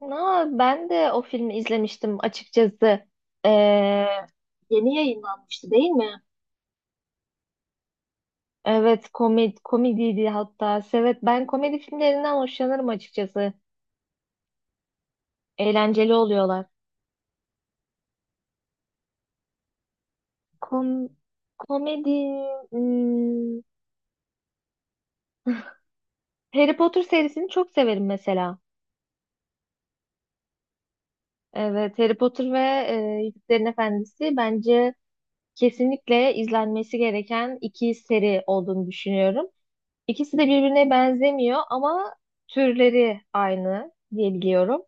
Na, ben de o filmi izlemiştim açıkçası. Ee, Yeni yayınlanmıştı değil mi? Evet, komedi komediydi hatta. Evet, ben komedi filmlerinden hoşlanırım açıkçası. Eğlenceli oluyorlar. Kom komedi hmm, Harry Potter serisini çok severim mesela. Evet, Harry Potter ve Yüzüklerin Efendisi bence kesinlikle izlenmesi gereken iki seri olduğunu düşünüyorum. İkisi de birbirine benzemiyor ama türleri aynı diye biliyorum.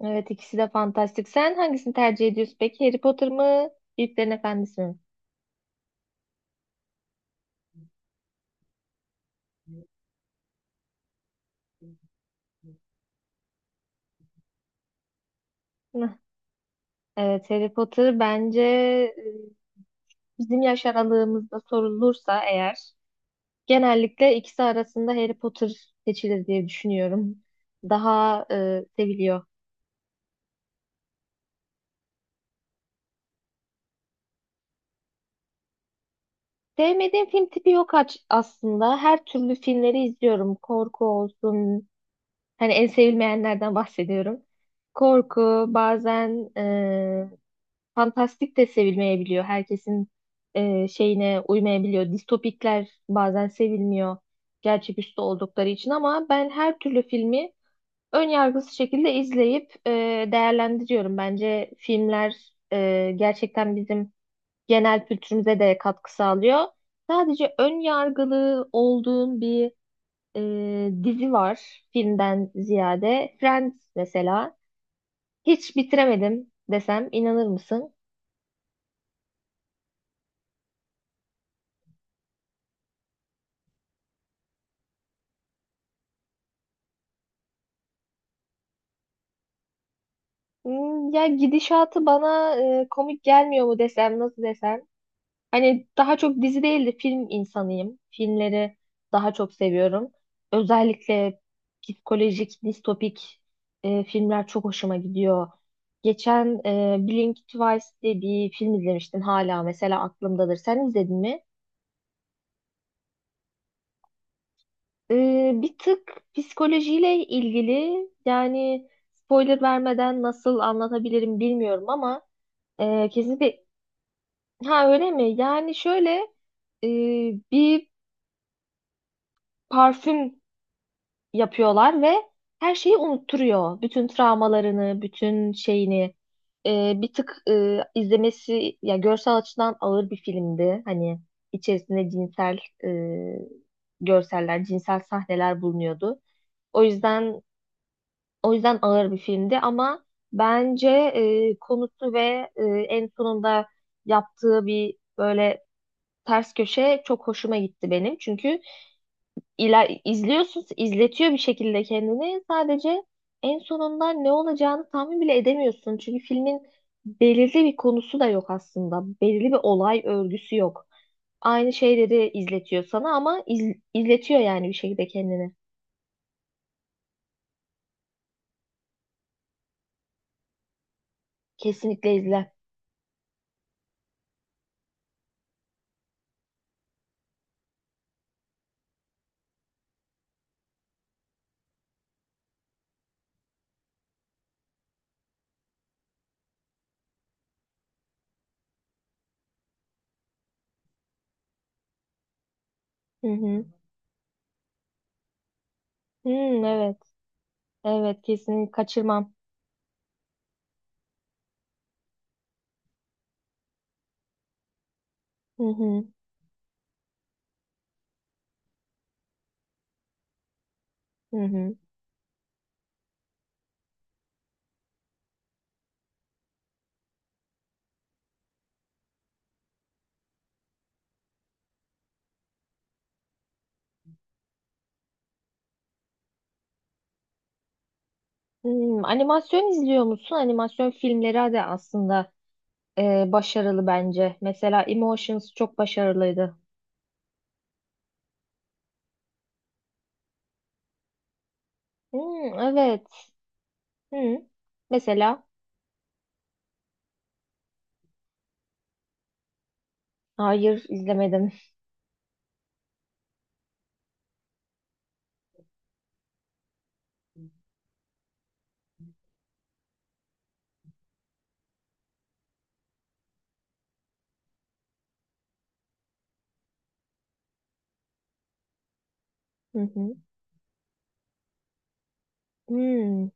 Evet, ikisi de fantastik. Sen hangisini tercih ediyorsun peki? Harry Potter mı? Yüzüklerin Efendisi mi? Hıh. Evet, Harry Potter bence, bizim yaş aralığımızda sorulursa eğer genellikle ikisi arasında Harry Potter seçilir diye düşünüyorum. Daha seviliyor. Sevmediğim film tipi yok aslında. Her türlü filmleri izliyorum. Korku olsun, hani en sevilmeyenlerden bahsediyorum. Korku bazen, fantastik de sevilmeyebiliyor. Herkesin şeyine uymayabiliyor. Distopikler bazen sevilmiyor. Gerçeküstü oldukları için ama ben her türlü filmi ön yargısız şekilde izleyip değerlendiriyorum. Bence filmler gerçekten bizim genel kültürümüze de katkı sağlıyor. Sadece ön yargılı olduğum bir dizi var, filmden ziyade. Friends mesela. Hiç bitiremedim desem inanır mısın? Ya, gidişatı bana komik gelmiyor mu, desem nasıl desem. Hani daha çok dizi değil de film insanıyım. Filmleri daha çok seviyorum. Özellikle psikolojik, distopik filmler çok hoşuma gidiyor. Geçen Blink Twice diye bir film izlemiştim, hala mesela aklımdadır. Sen izledin mi? Bir tık psikolojiyle ilgili, yani spoiler vermeden nasıl anlatabilirim bilmiyorum ama kesinlikle. Ha, öyle mi? Yani şöyle, e, bir parfüm yapıyorlar ve her şeyi unutturuyor. Bütün travmalarını, bütün şeyini. Bir tık izlemesi, ya görsel açıdan ağır bir filmdi. Hani içerisinde cinsel e, görseller, cinsel sahneler bulunuyordu. O yüzden O yüzden ağır bir filmdi ama bence konusu ve en sonunda yaptığı bir böyle ters köşe çok hoşuma gitti benim. Çünkü izliyorsun, izletiyor bir şekilde kendini. Sadece en sonunda ne olacağını tahmin bile edemiyorsun. Çünkü filmin belirli bir konusu da yok aslında. Belirli bir olay örgüsü yok. Aynı şeyleri izletiyor sana ama izletiyor, yani bir şekilde kendini. Kesinlikle izle. Hı hı. Hmm, evet. Evet, kesin kaçırmam. Hı hı, hı hı. Animasyon izliyor musun? Animasyon filmleri de aslında başarılı bence. Mesela Emotions çok başarılıydı. Hmm, evet. Hı. Mesela. Hayır, izlemedim. Hı hı. Hmm,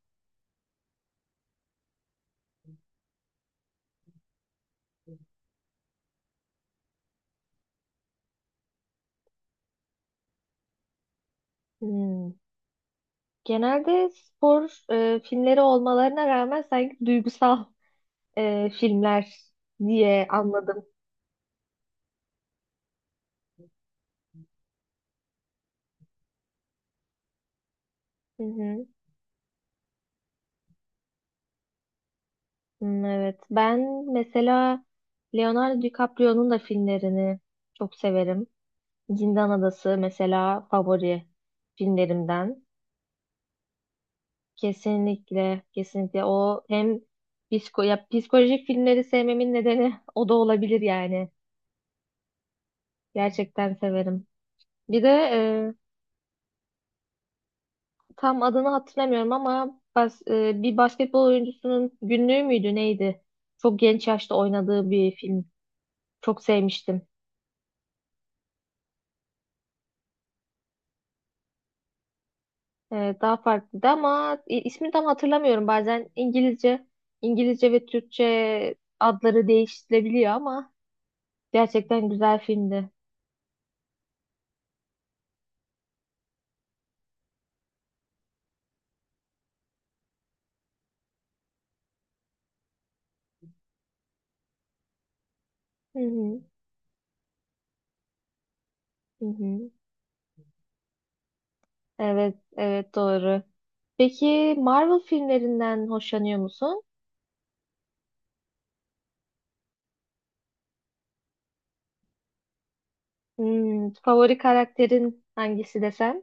hmm. Genelde spor filmleri olmalarına rağmen sanki duygusal filmler diye anladım. Hı hı. Hmm, evet. Ben mesela Leonardo DiCaprio'nun da filmlerini çok severim. Zindan Adası mesela favori filmlerimden. Kesinlikle, kesinlikle, o hem psikolojik filmleri sevmemin nedeni o da olabilir yani. Gerçekten severim. Bir de tam adını hatırlamıyorum ama bir basketbol oyuncusunun günlüğü müydü neydi? Çok genç yaşta oynadığı bir film. Çok sevmiştim. Daha farklıydı ama ismini tam hatırlamıyorum. Bazen İngilizce ve Türkçe adları değiştirilebiliyor ama gerçekten güzel filmdi. Hı hı, hı hı. Evet, evet, doğru. Peki, Marvel filmlerinden hoşlanıyor musun? Favori karakterin hangisi desem?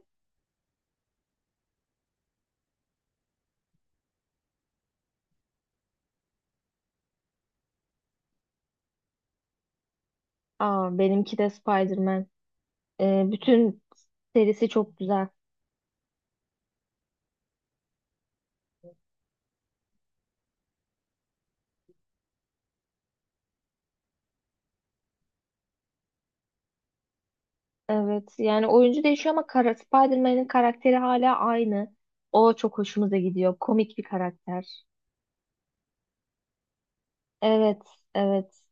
Aa, benimki de Spider-Man. Bütün serisi çok güzel. Evet, yani oyuncu değişiyor ama Spider-Man'in karakteri hala aynı. O çok hoşumuza gidiyor. Komik bir karakter. Evet, evet.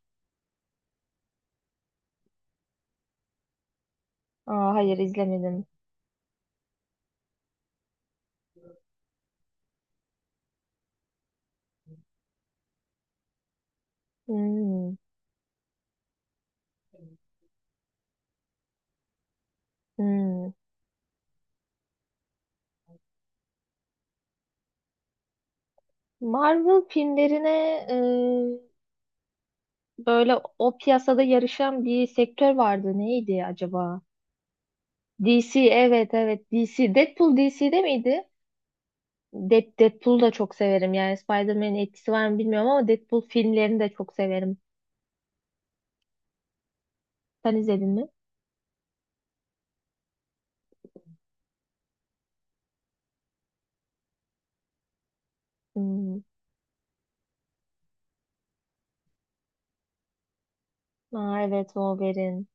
Aa, hayır izlemedim. Hmm, hmm. Marvel filmlerine, e, böyle, o piyasada yarışan bir sektör vardı. Neydi acaba? DC. Evet, evet, DC. Deadpool DC'de miydi? Deadpool'u da çok severim. Yani Spider-Man'in etkisi var mı bilmiyorum ama Deadpool filmlerini de çok severim. Sen izledin mi? Hmm. Aa, evet, Wolverine.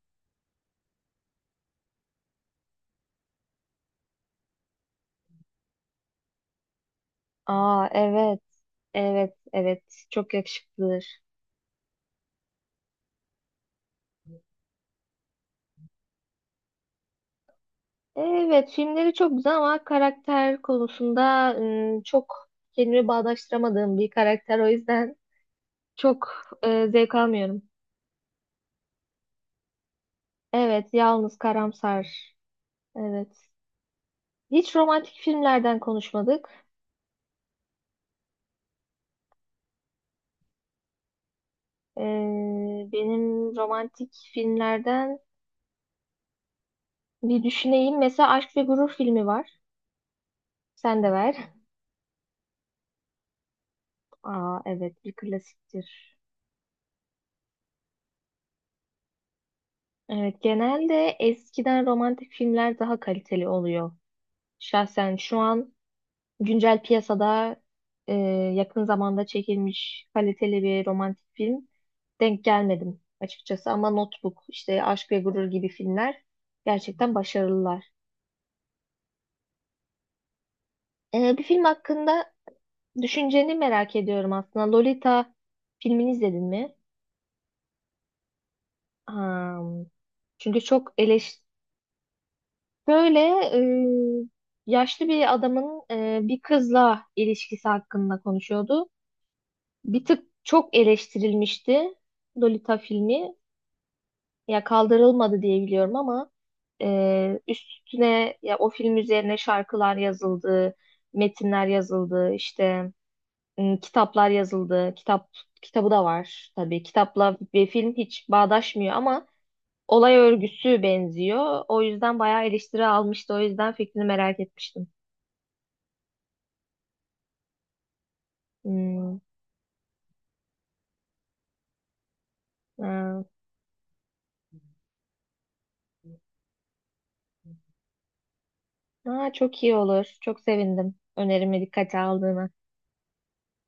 Aa, evet. Evet, evet. Çok yakışıklıdır. Evet, filmleri çok güzel ama karakter konusunda çok kendimi bağdaştıramadığım bir karakter. O yüzden çok zevk almıyorum. Evet, yalnız, karamsar. Evet. Hiç romantik filmlerden konuşmadık. Ee, Benim romantik filmlerden, bir düşüneyim. Mesela Aşk ve Gurur filmi var. Sen de ver. Aa, evet, bir klasiktir. Evet, genelde eskiden romantik filmler daha kaliteli oluyor. Şahsen şu an güncel piyasada e, yakın zamanda çekilmiş kaliteli bir romantik film denk gelmedim açıkçası. Ama Notebook, işte Aşk ve Gurur gibi filmler gerçekten başarılılar. Bir film hakkında düşünceni merak ediyorum aslında. Lolita filmini izledin mi? Ha, çünkü çok. Böyle, e, yaşlı bir adamın bir kızla ilişkisi hakkında konuşuyordu. Bir tık çok eleştirilmişti Lolita filmi. Ya kaldırılmadı diye biliyorum ama, üstüne, ya, o film üzerine şarkılar yazıldı, metinler yazıldı, işte kitaplar yazıldı. Kitabı da var tabii. Kitapla bir film hiç bağdaşmıyor ama olay örgüsü benziyor. O yüzden bayağı eleştiri almıştı. O yüzden fikrini merak etmiştim. Hmm, ha. Ha, çok iyi olur. Çok sevindim önerimi dikkate aldığına.